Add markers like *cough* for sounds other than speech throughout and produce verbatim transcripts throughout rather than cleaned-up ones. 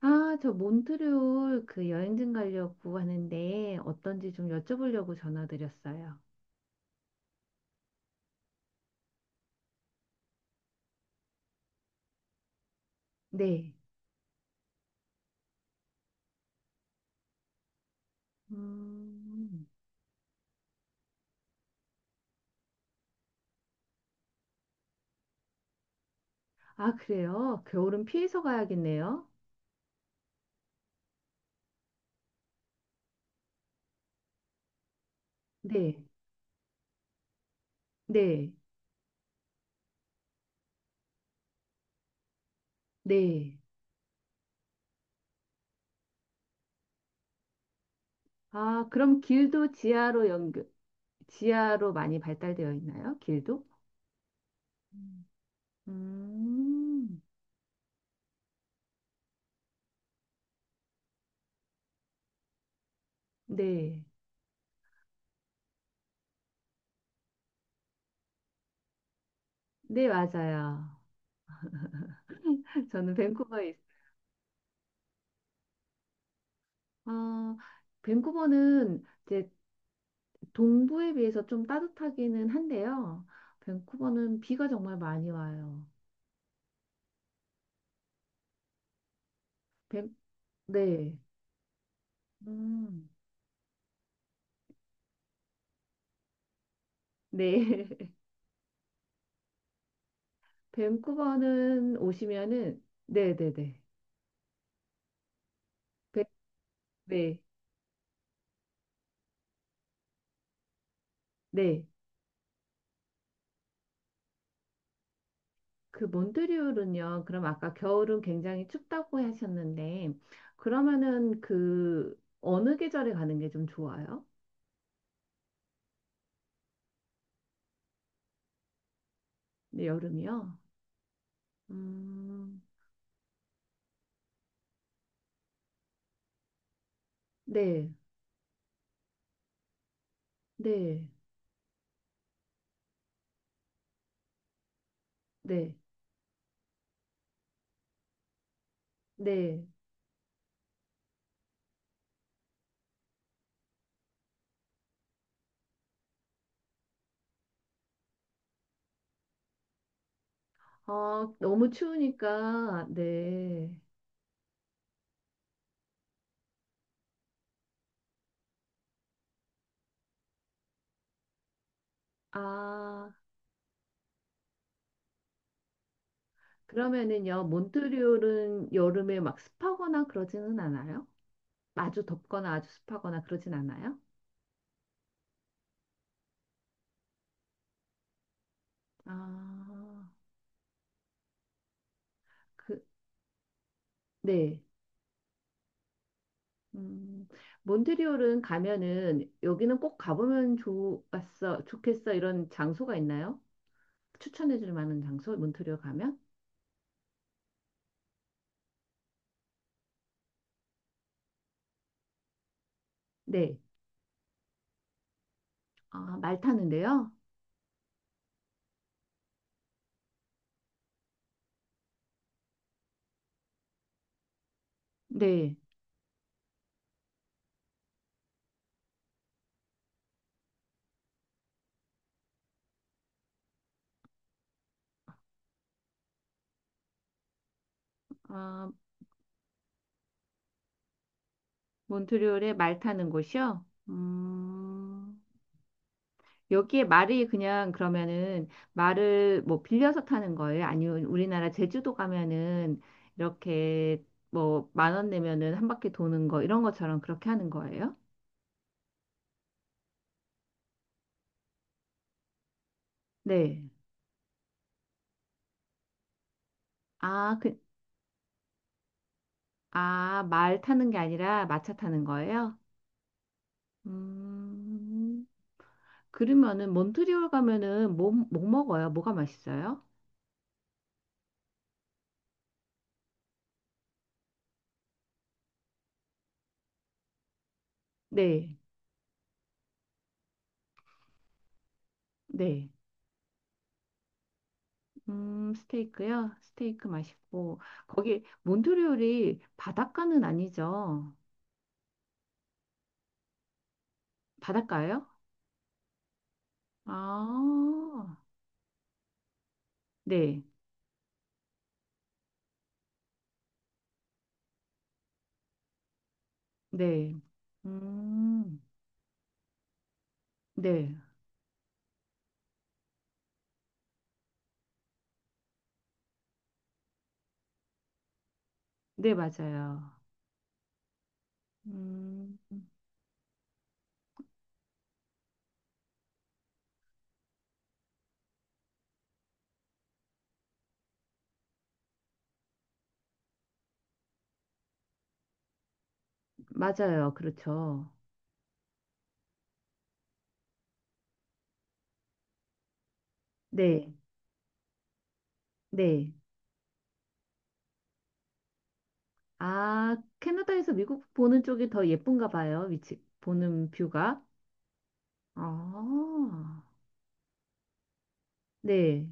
아, 저 몬트리올 그 여행진 가려고 하는데 어떤지 좀 여쭤보려고 전화드렸어요. 네. 음. 아, 그래요? 겨울은 피해서 가야겠네요. 네. 네. 네. 아, 그럼 길도 지하로 연결, 지하로 많이 발달되어 있나요? 길도? 음. 음. 네. 네, 맞아요. *laughs* 저는 밴쿠버에 있어요. 어, 밴쿠버는 이제 동부에 비해서 좀 따뜻하기는 한데요. 밴쿠버는 비가 정말 많이 와요. 밴, 네. 음. 네. *laughs* 밴쿠버는 오시면은 네네네. 밴, 네. 네. 그 몬트리올은요. 그럼 아까 겨울은 굉장히 춥다고 하셨는데 그러면은 그 어느 계절에 가는 게 좀 좋아요? 네, 여름이요? 음. 네. 네. 네. 네. 어, 너무 추우니까, 네. 아, 그러면은요, 몬트리올은 여름에 막 습하거나 그러지는 않아요? 아주 덥거나 아주 습하거나 그러진 않아요? 아, 그, 네. 음, 몬트리올은 가면은 여기는 꼭 가보면 좋았어, 좋겠어 이런 장소가 있나요? 추천해 줄 만한 장소, 몬트리올 가면? 네. 아, 말 타는데요? 네. 아, 몬트리올에 말 타는 곳이요? 음, 여기에 말이 그냥 그러면은 말을 뭐 빌려서 타는 거예요? 아니면 우리나라 제주도 가면은 이렇게 뭐 만 원 내면은 한 바퀴 도는 거 이런 것처럼 그렇게 하는 거예요? 네. 아, 그, 아, 말 타는 게 아니라 마차 타는 거예요? 음, 그러면은 몬트리올 가면은 뭐, 뭐 먹어요? 뭐가 맛있어요? 네, 네. 음, 스테이크요? 스테이크 맛있고. 거기 몬트리올이 바닷가는 아니죠? 바닷가요? 아, 네, 네, 음, 네, 네, 맞아요. 음, 맞아요. 그렇죠. 네, 네. 아, 캐나다에서 미국 보는 쪽이 더 예쁜가 봐요. 위치, 보는 뷰가. 아, 네,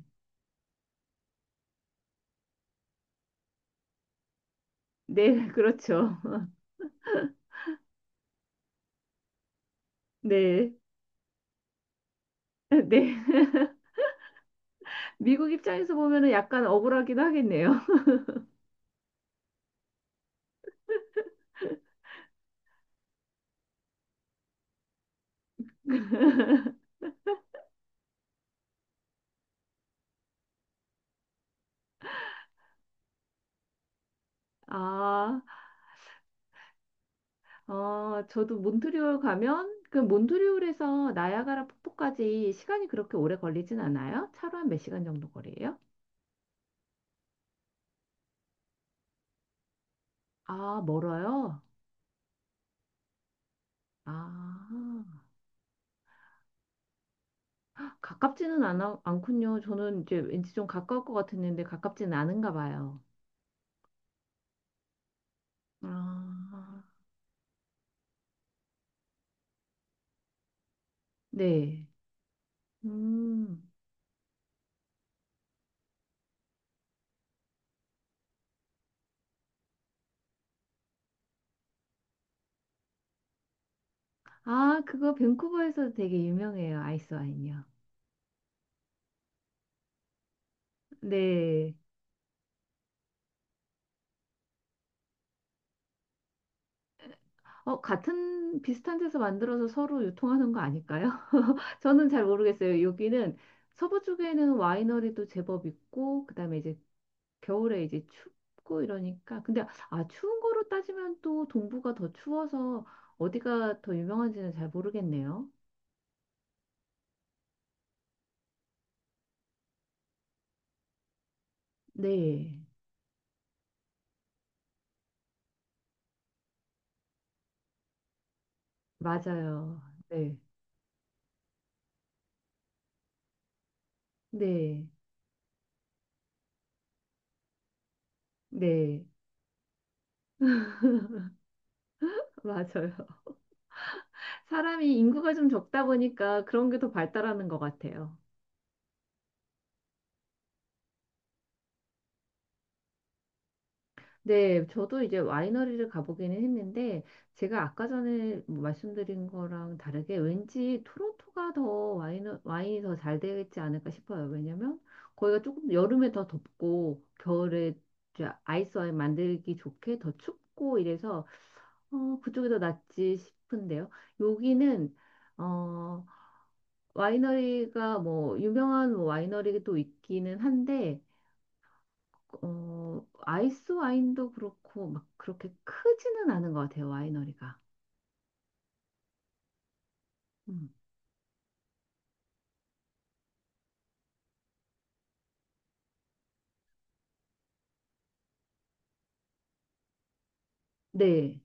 네, *laughs* 그렇죠. *laughs* 네, *laughs* 네. 미국 입장에서 보면은 약간 억울하긴 하겠네요. *laughs* 아, 어, 저도 몬트리올 가면 그 몬트리올에서 나야가라 폭포까지 시간이 그렇게 오래 걸리진 않아요? 차로 한 몇 시간 정도 거리예요? 아, 멀어요? 아, 가깝지는 않아, 않군요. 저는 이제 왠지 좀 가까울 것 같았는데 가깝지는 않은가 봐요. 아, 네. 음. 아, 그거 밴쿠버에서 되게 유명해요. 아이스 와인이요. 네. 어, 같은 비슷한 데서 만들어서 서로 유통하는 거 아닐까요? 저는 잘 모르겠어요. 여기는 서부 쪽에는 와이너리도 제법 있고, 그다음에 이제 겨울에 이제 춥고 이러니까. 근데 아, 추운 거로 따지면 또 동부가 더 추워서 어디가 더 유명한지는 잘 모르겠네요. 네, 맞아요. 네, 네, 네, 맞아요. *laughs* 사람이 인구가 좀 적다 보니까 그런 게 더 발달하는 것 같아요. 네, 저도 이제 와이너리를 가보기는 했는데, 제가 아까 전에 뭐 말씀드린 거랑 다르게 왠지 토론토가 더 와이너, 와인이 더 잘 되겠지 않을까 싶어요. 왜냐면 거기가 조금 여름에 더 덥고, 겨울에 이제 아이스 와인 만들기 좋게 더 춥고 이래서, 어, 그쪽이 더 낫지 싶은데요. 여기는, 어, 와이너리가 뭐, 유명한 와이너리도 있기는 한데, 어, 아이스 와인도 그렇고 막 그렇게 크지는 않은 것 같아요, 와이너리가. 음. 네.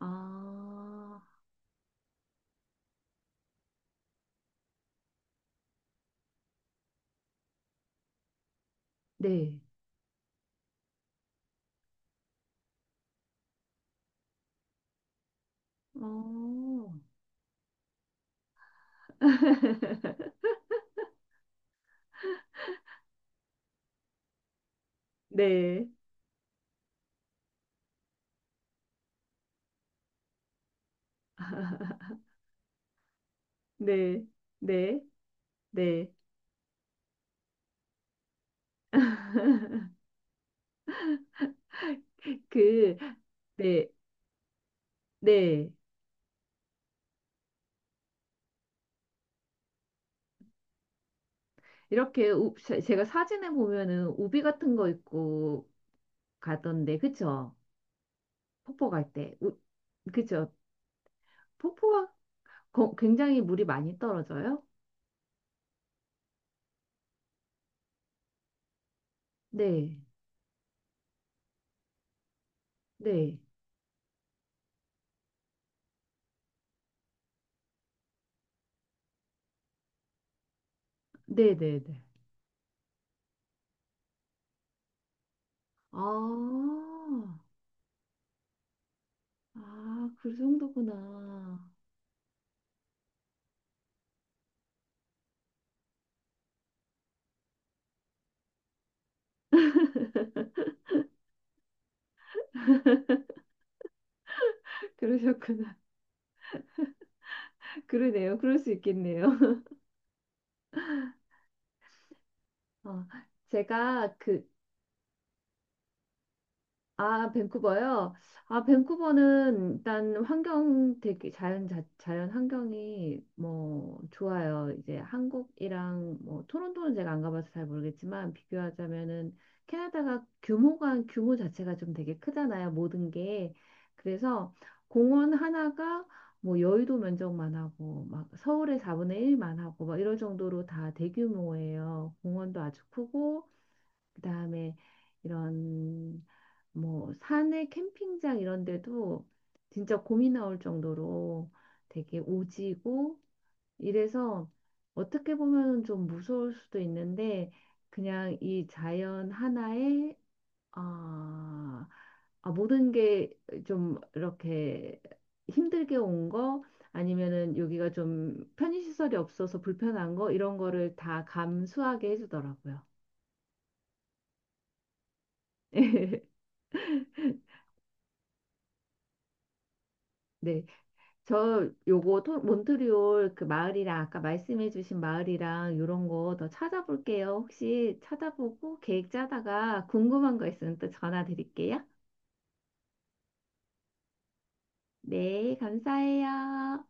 아, 네. 어, 네, 네, 네, 네. 그, 네, 네. 이렇게 우, 제- 제가 사진에 보면은 우비 같은 거 입고 가던데, 그쵸? 폭포 갈 때. 우, 그쵸? 폭포가 거- 굉장히 물이 많이 떨어져요? 네, 네, 네, 네, 네. 아, 아, 그 정도구나. *laughs* 그러셨구나. *laughs* 그러네요. 그럴 수 있겠네요. *laughs* 어, 제가 그 아, 밴쿠버요? 아, 밴쿠버는 일단 환경 되게 자연 자, 자연 환경이 뭐 좋아요. 이제 한국이랑 뭐 토론토는 제가 안 가봐서 잘 모르겠지만 비교하자면은 캐나다가 규모가 규모 자체가 좀 되게 크잖아요. 모든 게. 그래서 공원 하나가 뭐 여의도 면적만 하고 막 서울의 사분의 일만 하고 막 이럴 정도로 다 대규모예요. 공원도 아주 크고 그다음에 이런 뭐 산에 캠핑장 이런 데도 진짜 곰이 나올 정도로 되게 오지고 이래서 어떻게 보면은 좀 무서울 수도 있는데 그냥 이 자연 하나에 아, 아 모든 게 좀 이렇게 힘들게 온 거 아니면은 여기가 좀 편의시설이 없어서 불편한 거 이런 거를 다 감수하게 해주더라고요. *laughs* 네. 저 요거 토, 몬트리올 그 마을이랑 아까 말씀해주신 마을이랑 요런 거 더 찾아볼게요. 혹시 찾아보고 계획 짜다가 궁금한 거 있으면 또 전화 드릴게요. 네, 감사해요.